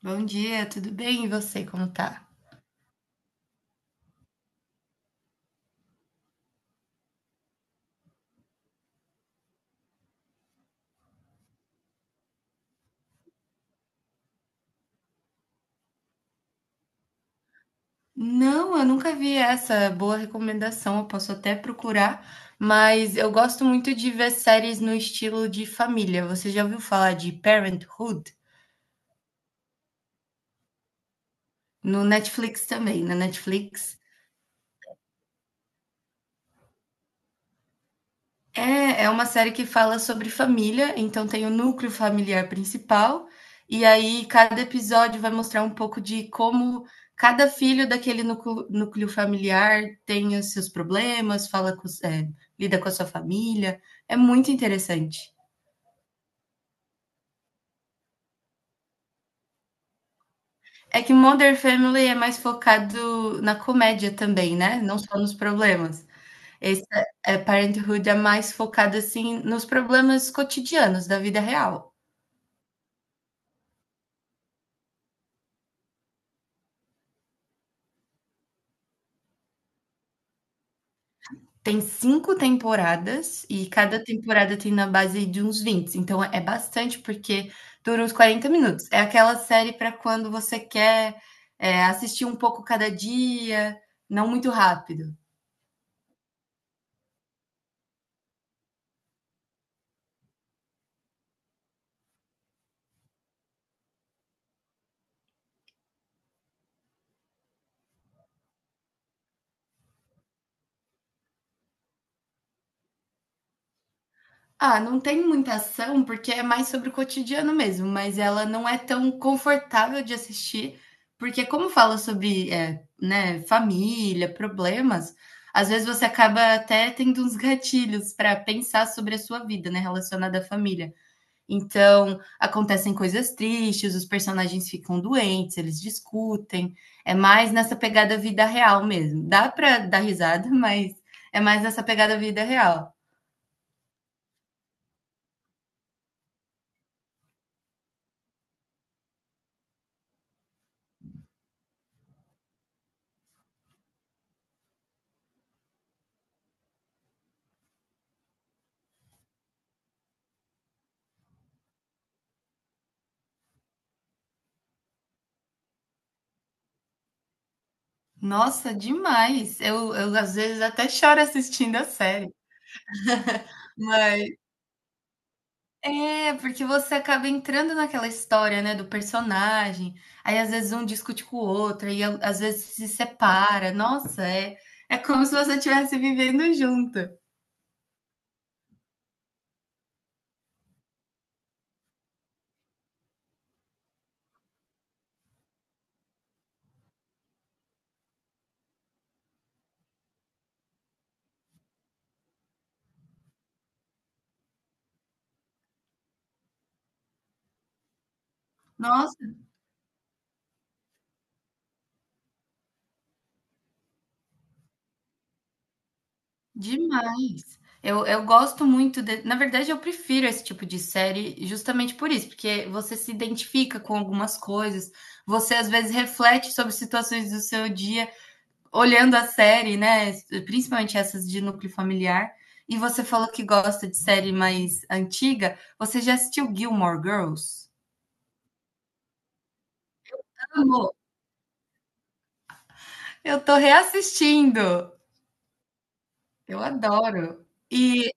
Bom dia, tudo bem? E você, como tá? Não, eu nunca vi essa boa recomendação. Eu posso até procurar, mas eu gosto muito de ver séries no estilo de família. Você já ouviu falar de Parenthood? No Netflix também, na Netflix. É uma série que fala sobre família, então tem o núcleo familiar principal, e aí cada episódio vai mostrar um pouco de como cada filho daquele núcleo familiar tem os seus problemas, fala com, os- é, lida com a sua família. É muito interessante. É que Modern Family é mais focado na comédia também, né? Não só nos problemas. Esse Parenthood é mais focado assim nos problemas cotidianos da vida real. Tem 5 temporadas e cada temporada tem na base de uns 20, então é bastante, porque dura uns 40 minutos. É aquela série para quando você quer, assistir um pouco cada dia, não muito rápido. Ah, não tem muita ação, porque é mais sobre o cotidiano mesmo, mas ela não é tão confortável de assistir, porque como fala sobre, né, família, problemas, às vezes você acaba até tendo uns gatilhos para pensar sobre a sua vida, né, relacionada à família. Então, acontecem coisas tristes, os personagens ficam doentes, eles discutem. É mais nessa pegada vida real mesmo. Dá para dar risada, mas é mais nessa pegada vida real. Nossa, demais. Eu às vezes até choro assistindo a série, mas porque você acaba entrando naquela história, né, do personagem, aí às vezes um discute com o outro, aí a às vezes se separa. Nossa, é como se você estivesse vivendo junto. Nossa, demais. Eu gosto muito de na verdade eu prefiro esse tipo de série justamente por isso, porque você se identifica com algumas coisas, você às vezes reflete sobre situações do seu dia, olhando a série, né? Principalmente essas de núcleo familiar. E você falou que gosta de série mais antiga. Você já assistiu Gilmore Girls? Amo. Eu tô reassistindo. Eu adoro. E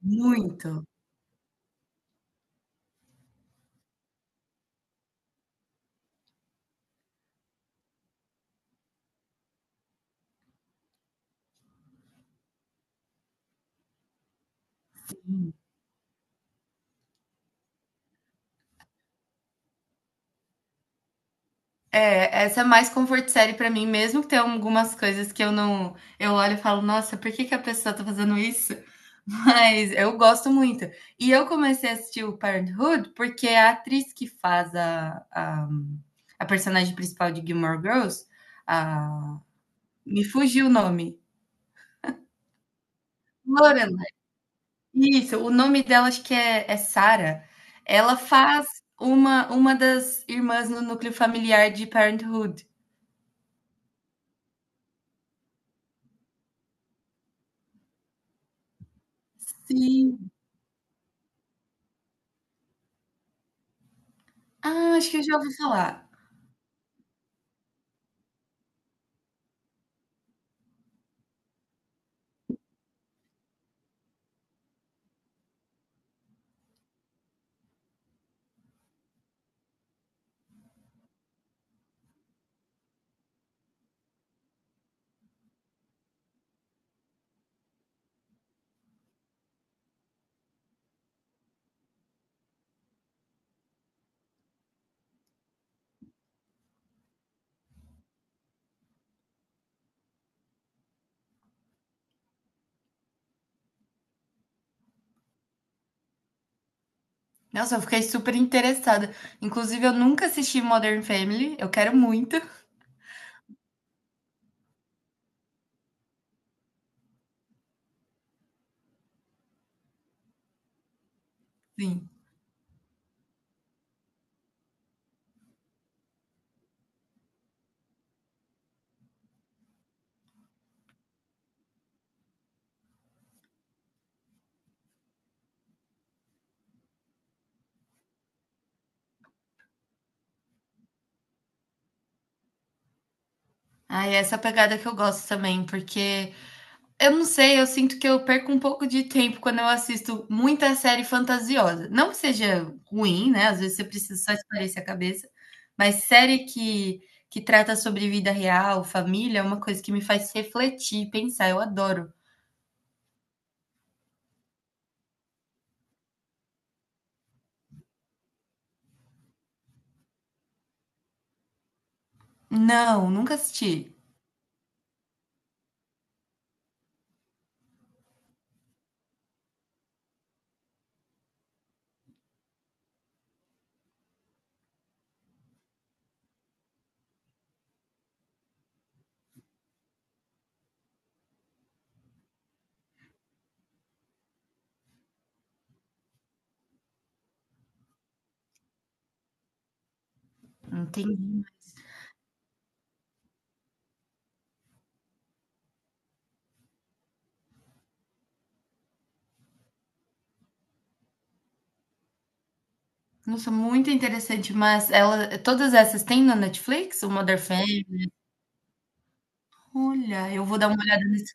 muito. É, essa é mais comfort série pra mim, mesmo que tenha algumas coisas que eu não. Eu olho e falo, nossa, por que que a pessoa tá fazendo isso? Mas eu gosto muito. E eu comecei a assistir o Parenthood porque a atriz que faz a personagem principal de Gilmore Girls, a- me fugiu o nome. Lorelai. Isso, o nome dela acho que é Sarah. Ela faz uma das irmãs no núcleo familiar de Parenthood. Sim. Ah, acho que eu já ouvi falar. Nossa, eu fiquei super interessada. Inclusive, eu nunca assisti Modern Family, eu quero muito. Sim. Ah, é essa pegada que eu gosto também, porque eu não sei, eu sinto que eu perco um pouco de tempo quando eu assisto muita série fantasiosa. Não que seja ruim, né? Às vezes você precisa só espairecer a cabeça, mas série que trata sobre vida real, família, é uma coisa que me faz refletir, pensar. Eu adoro. Não, nunca assisti. Entendi. Nossa, muito interessante, mas ela todas essas tem na Netflix? O Mother Family? Olha, eu vou dar uma olhada nesse.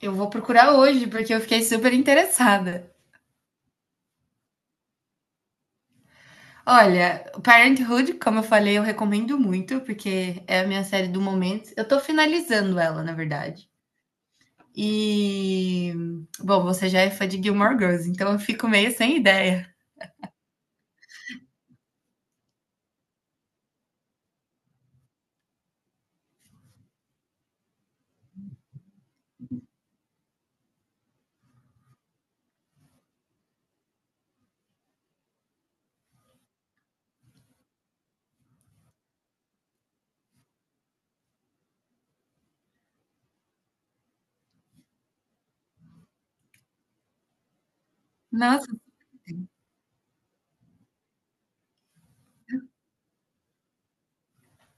Eu vou procurar hoje, porque eu fiquei super interessada. Olha, Parenthood, como eu falei, eu recomendo muito, porque é a minha série do momento. Eu tô finalizando ela, na verdade. E, bom, você já é fã de Gilmore Girls, então eu fico meio sem ideia. Nossa,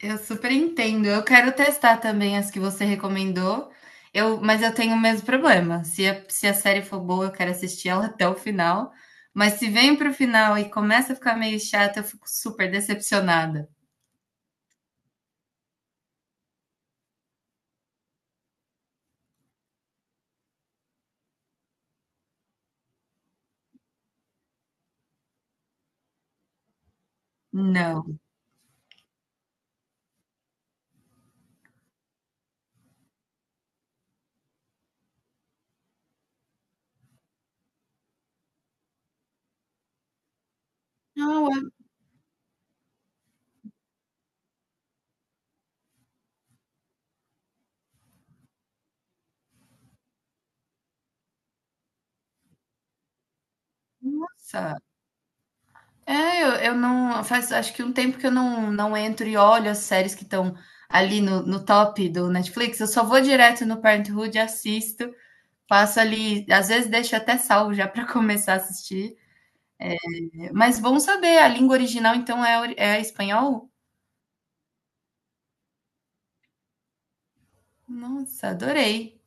eu super entendo. Eu quero testar também as que você recomendou. Mas eu tenho o mesmo problema. Se a série for boa, eu quero assistir ela até o final. Mas se vem para o final e começa a ficar meio chata, eu fico super decepcionada. Não. Não, nossa. É, eu não. Faz acho que um tempo que eu não entro e olho as séries que estão ali no top do Netflix. Eu só vou direto no Parenthood, assisto, passo ali. Às vezes deixo até salvo já para começar a assistir. Mas bom saber, a língua original então é espanhol? Nossa, adorei.